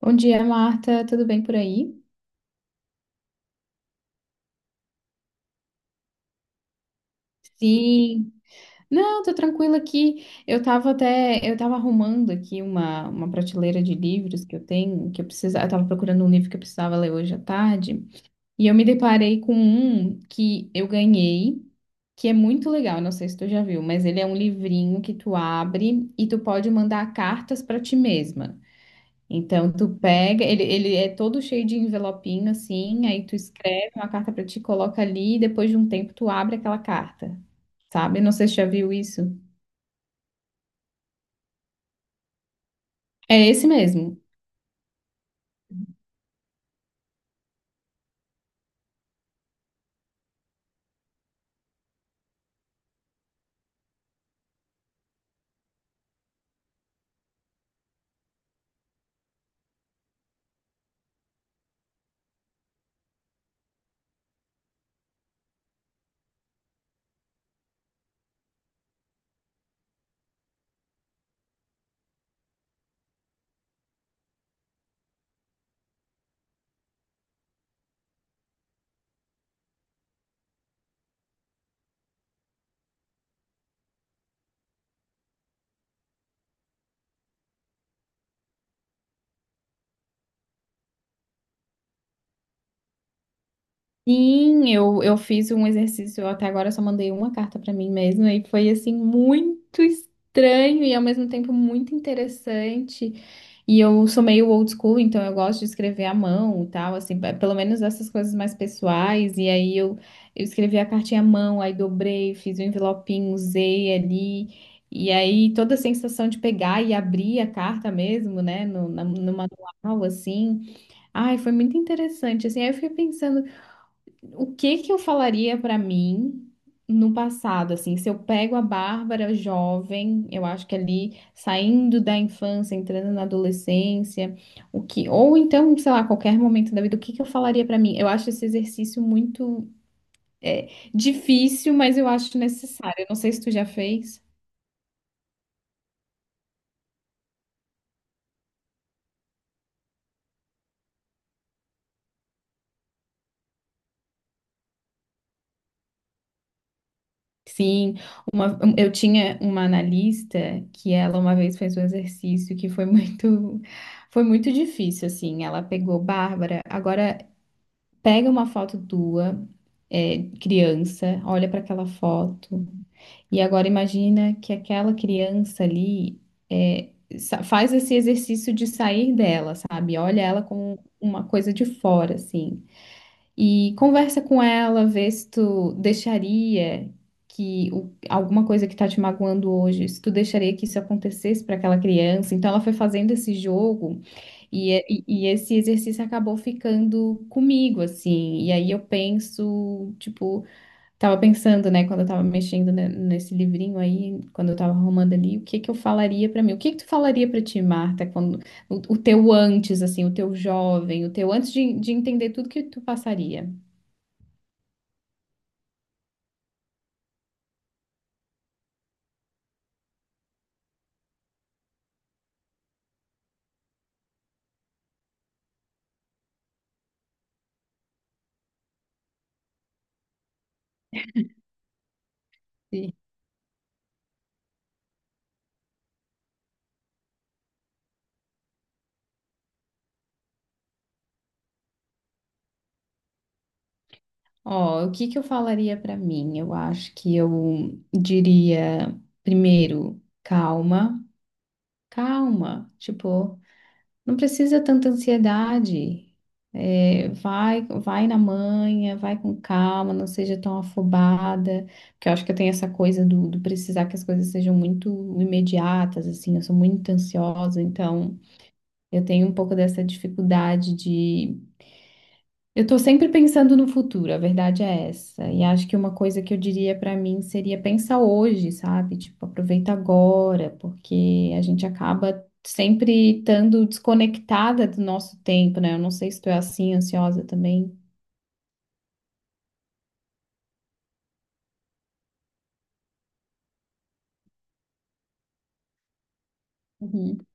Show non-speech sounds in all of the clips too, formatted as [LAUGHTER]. Bom dia, Marta. Tudo bem por aí? Sim. Não, tô tranquila aqui. Eu tava arrumando aqui uma prateleira de livros que eu tenho, que eu precisava, eu tava procurando um livro que eu precisava ler hoje à tarde, e eu me deparei com um que eu ganhei, que é muito legal, não sei se tu já viu, mas ele é um livrinho que tu abre e tu pode mandar cartas pra ti mesma. Então, tu pega, ele é todo cheio de envelopinho, assim, aí tu escreve uma carta pra ti, coloca ali, e depois de um tempo tu abre aquela carta, sabe? Não sei se já viu isso. É esse mesmo. Sim, eu fiz um exercício, eu até agora só mandei uma carta pra mim mesma e foi assim muito estranho e ao mesmo tempo muito interessante. E eu sou meio old school, então eu gosto de escrever à mão e tal, assim, pelo menos essas coisas mais pessoais. Eu escrevi a cartinha à mão, aí dobrei, fiz um envelopinho, usei ali. E aí toda a sensação de pegar e abrir a carta mesmo, né, no manual, assim. Ai, foi muito interessante, assim, aí eu fiquei pensando o que que eu falaria pra mim no passado, assim, se eu pego a Bárbara jovem, eu acho que ali saindo da infância, entrando na adolescência, o que, ou então, sei lá, qualquer momento da vida, o que que eu falaria pra mim? Eu acho esse exercício muito é, difícil, mas eu acho necessário. Eu não sei se tu já fez. Sim, eu tinha uma analista que ela uma vez fez um exercício que foi muito difícil, assim. Ela pegou Bárbara. Agora pega uma foto tua, criança, olha para aquela foto, e agora imagina que aquela criança ali é, faz esse exercício de sair dela, sabe? Olha ela com uma coisa de fora, assim, e conversa com ela, vê se tu deixaria alguma coisa que tá te magoando hoje, se tu deixaria que isso acontecesse para aquela criança. Então ela foi fazendo esse jogo. E esse exercício acabou ficando comigo, assim. E aí eu penso, tipo, tava pensando, né, quando eu tava mexendo nesse livrinho aí, quando eu tava arrumando ali, o que que eu falaria pra mim? O que que tu falaria pra ti, Marta, quando o teu antes, assim, o teu jovem, o teu antes de entender tudo que tu passaria? E, Ó, o que que eu falaria pra mim? Eu acho que eu diria, primeiro, calma, calma, tipo. Não precisa tanta ansiedade. É, vai, vai na manhã, vai com calma, não seja tão afobada, porque eu acho que eu tenho essa coisa do precisar que as coisas sejam muito imediatas, assim, eu sou muito ansiosa, então eu tenho um pouco dessa dificuldade, eu estou sempre pensando no futuro, a verdade é essa. E acho que uma coisa que eu diria para mim seria pensar hoje, sabe? Tipo, aproveita agora, porque a gente acaba sempre estando desconectada do nosso tempo, né? Eu não sei se tu é assim, ansiosa também. Uhum.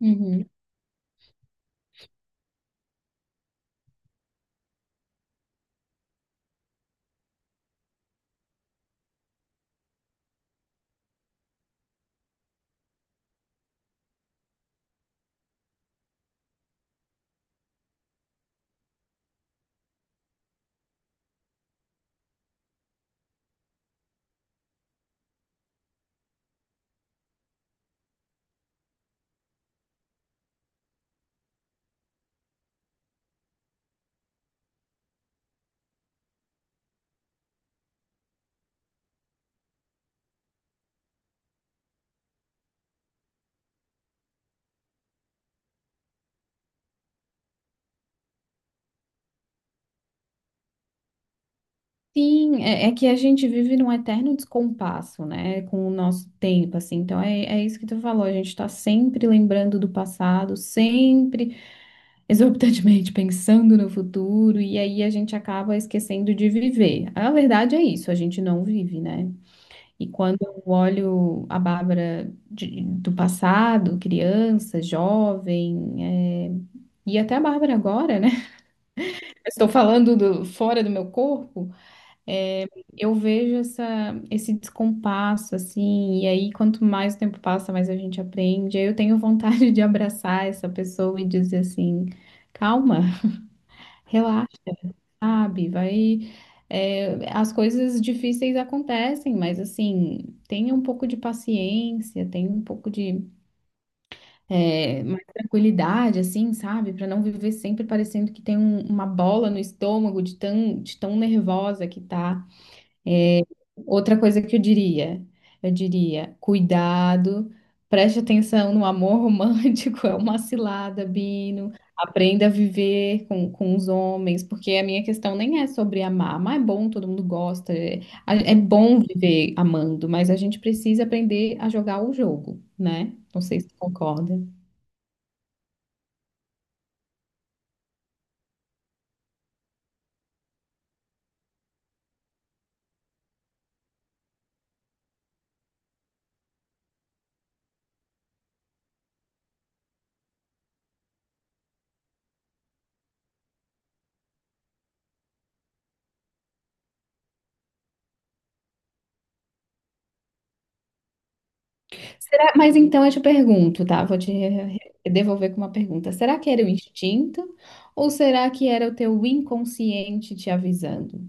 Uhum. Sim, é, é que a gente vive num eterno descompasso, né, com o nosso tempo, assim. Então é, é isso que tu falou, a gente tá sempre lembrando do passado, sempre exorbitantemente pensando no futuro e aí a gente acaba esquecendo de viver. A verdade é isso, a gente não vive, né? E quando eu olho a Bárbara do passado, criança, jovem, é, e até a Bárbara agora, né? [LAUGHS] Estou falando fora do meu corpo, eu vejo essa, esse descompasso, assim, e aí quanto mais o tempo passa, mais a gente aprende. Aí eu tenho vontade [LAUGHS] de abraçar essa pessoa e dizer assim, calma, relaxa. Sabe? Vai. É, as coisas difíceis acontecem, mas assim, tenha um pouco de paciência, tenha um pouco de mais tranquilidade, assim, sabe? Para não viver sempre parecendo que tem uma bola no estômago de tão nervosa que tá. É, outra coisa que eu diria, cuidado, preste atenção no amor romântico, [LAUGHS] é uma cilada, Bino. Aprenda a viver com os homens, porque a minha questão nem é sobre amar, mas é bom, todo mundo gosta, é, é bom viver amando, mas a gente precisa aprender a jogar o jogo, né? Não sei se tu concorda. Será... Mas então eu te pergunto, tá? Devolver com uma pergunta. Será que era o instinto ou será que era o teu inconsciente te avisando?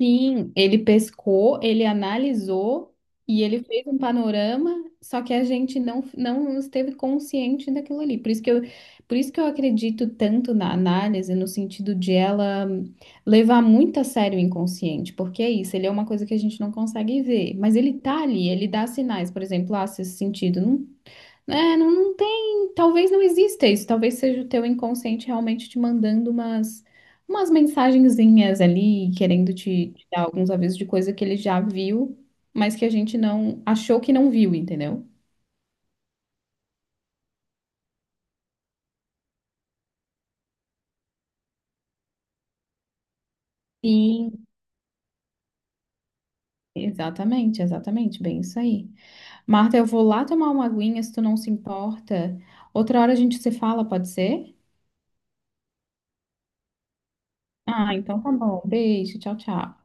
Sim, ele pescou, ele analisou e ele fez um panorama, só que a gente não, não esteve consciente daquilo ali. Por isso que eu acredito tanto na análise, no sentido de ela levar muito a sério o inconsciente, porque é isso, ele é uma coisa que a gente não consegue ver, mas ele tá ali, ele dá sinais, por exemplo, ah, se esse sentido não não, não tem, talvez não exista isso, talvez seja o teu inconsciente realmente te mandando umas mensagenzinhas ali, querendo te, te dar alguns avisos de coisa que ele já viu, mas que a gente não achou que não viu, entendeu? Sim. Exatamente, exatamente, bem isso aí. Marta, eu vou lá tomar uma aguinha, se tu não se importa. Outra hora a gente se fala, pode ser? Ah, então tá bom. Beijo, tchau, tchau.